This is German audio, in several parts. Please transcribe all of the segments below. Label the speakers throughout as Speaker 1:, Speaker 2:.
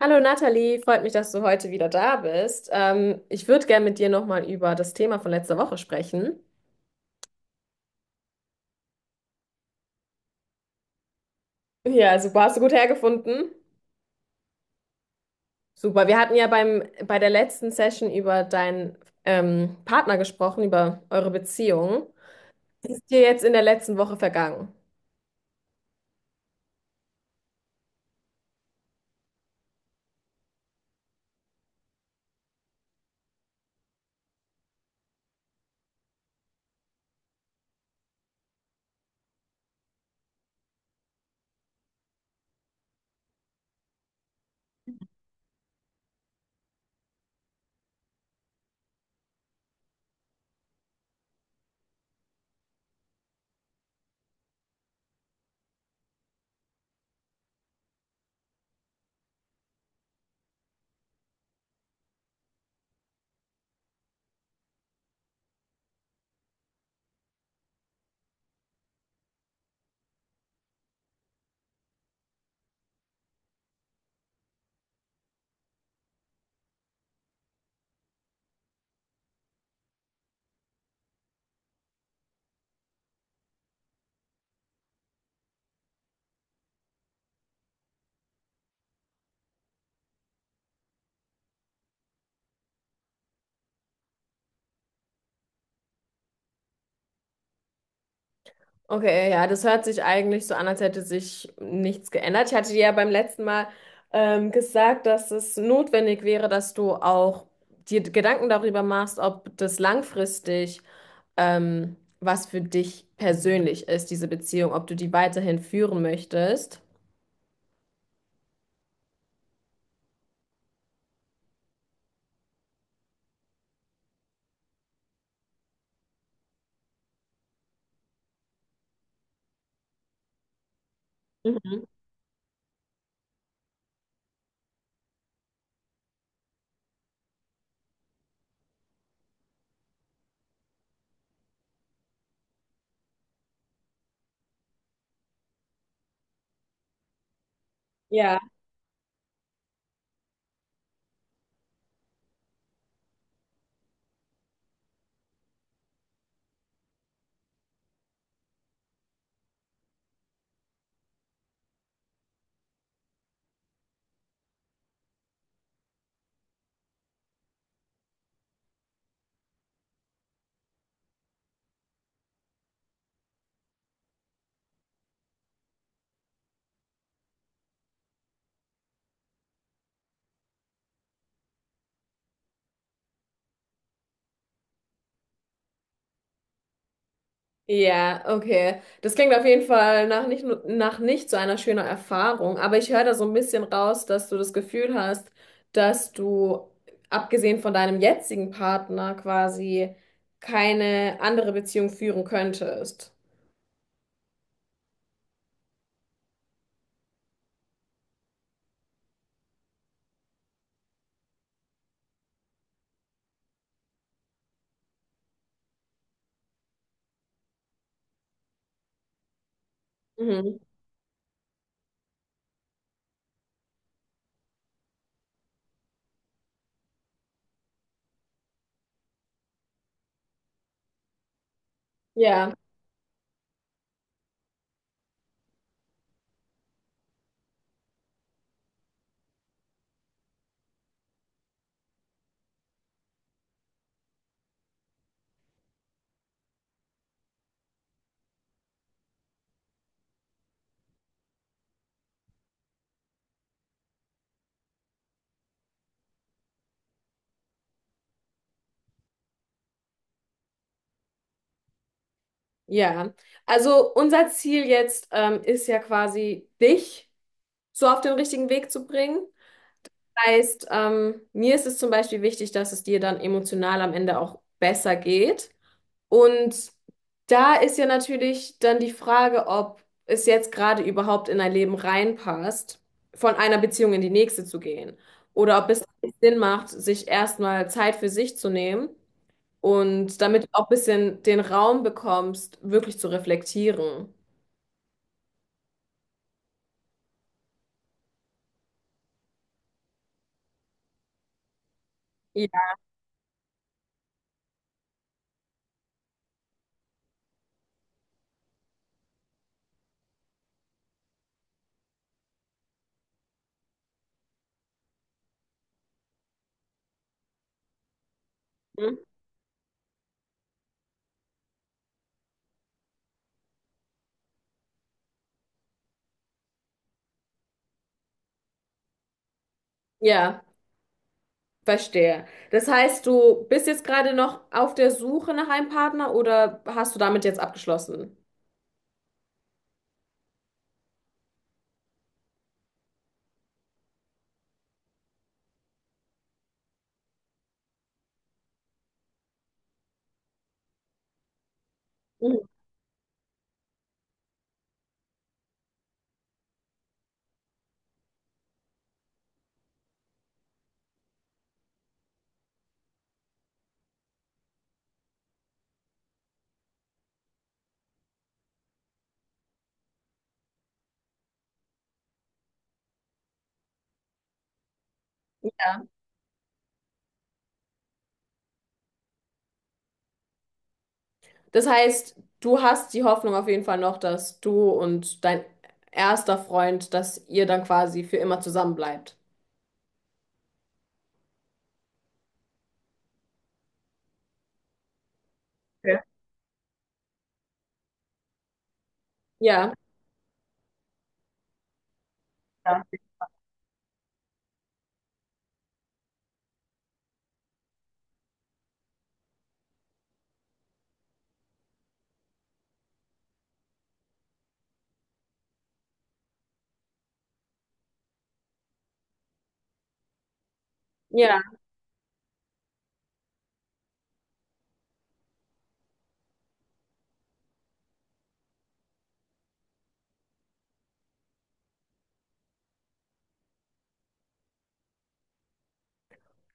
Speaker 1: Hallo Nathalie, freut mich, dass du heute wieder da bist. Ich würde gerne mit dir nochmal über das Thema von letzter Woche sprechen. Ja, super, hast du gut hergefunden. Super, wir hatten ja bei der letzten Session über deinen Partner gesprochen, über eure Beziehung. Was ist dir jetzt in der letzten Woche vergangen? Okay, ja, das hört sich eigentlich so an, als hätte sich nichts geändert. Ich hatte dir ja beim letzten Mal gesagt, dass es notwendig wäre, dass du auch dir Gedanken darüber machst, ob das langfristig was für dich persönlich ist, diese Beziehung, ob du die weiterhin führen möchtest. Mhm. Ja, ja, okay. Das klingt auf jeden Fall nach nicht, nur- nach nicht so einer schönen Erfahrung, aber ich höre da so ein bisschen raus, dass du das Gefühl hast, dass du, abgesehen von deinem jetzigen Partner, quasi keine andere Beziehung führen könntest. Mhm. Ja, ja. Also unser Ziel jetzt ist ja quasi dich so auf den richtigen Weg zu bringen. Heißt, mir ist es zum Beispiel wichtig, dass es dir dann emotional am Ende auch besser geht. Und da ist ja natürlich dann die Frage, ob es jetzt gerade überhaupt in dein Leben reinpasst, von einer Beziehung in die nächste zu gehen. Oder ob es Sinn macht, sich erstmal Zeit für sich zu nehmen und damit du auch ein bisschen den Raum bekommst, wirklich zu reflektieren. Ja. Ja, verstehe. Das heißt, du bist jetzt gerade noch auf der Suche nach einem Partner oder hast du damit jetzt abgeschlossen? Mhm. Das heißt, du hast die Hoffnung auf jeden Fall noch, dass du und dein erster Freund, dass ihr dann quasi für immer zusammen bleibt. Ja. Ja, ja. Ja,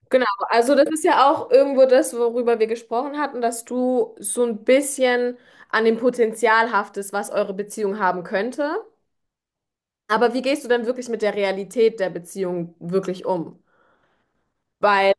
Speaker 1: genau. Also das ist ja auch irgendwo das, worüber wir gesprochen hatten, dass du so ein bisschen an dem Potenzial haftest, was eure Beziehung haben könnte. Aber wie gehst du denn wirklich mit der Realität der Beziehung wirklich um? Weil,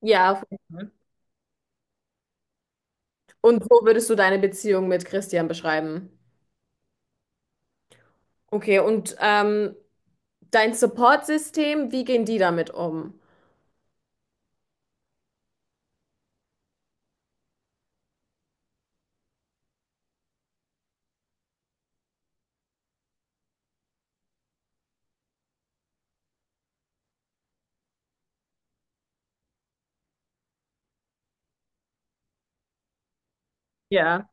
Speaker 1: ja, auf jeden Fall. Mhm. Und so würdest du deine Beziehung mit Christian beschreiben? Okay, und dein Support-System, wie gehen die damit um? Ja.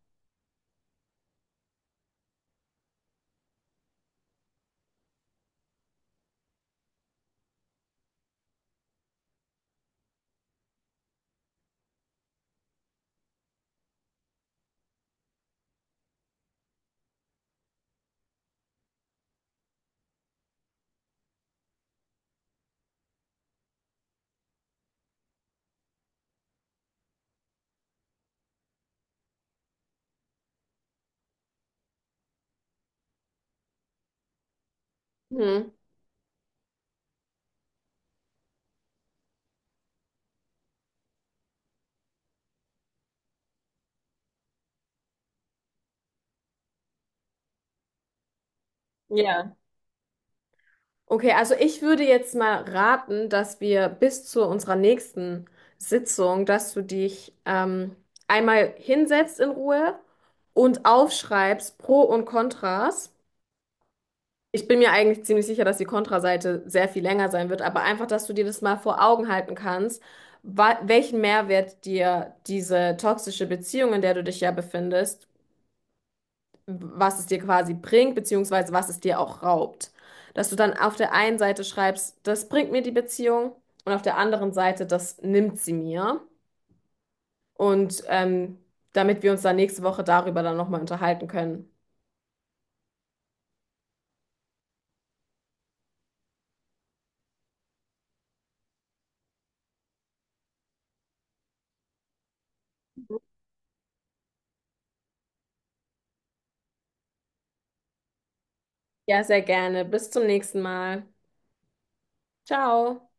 Speaker 1: Mhm. Ja. Okay, also ich würde jetzt mal raten, dass wir bis zu unserer nächsten Sitzung, dass du dich einmal hinsetzt in Ruhe und aufschreibst Pro und Kontras. Ich bin mir eigentlich ziemlich sicher, dass die Kontraseite sehr viel länger sein wird, aber einfach, dass du dir das mal vor Augen halten kannst, welchen Mehrwert dir diese toxische Beziehung, in der du dich ja befindest, was es dir quasi bringt, beziehungsweise was es dir auch raubt. Dass du dann auf der einen Seite schreibst, das bringt mir die Beziehung und auf der anderen Seite, das nimmt sie mir. Und damit wir uns dann nächste Woche darüber dann nochmal unterhalten können. Ja, sehr gerne. Bis zum nächsten Mal. Ciao.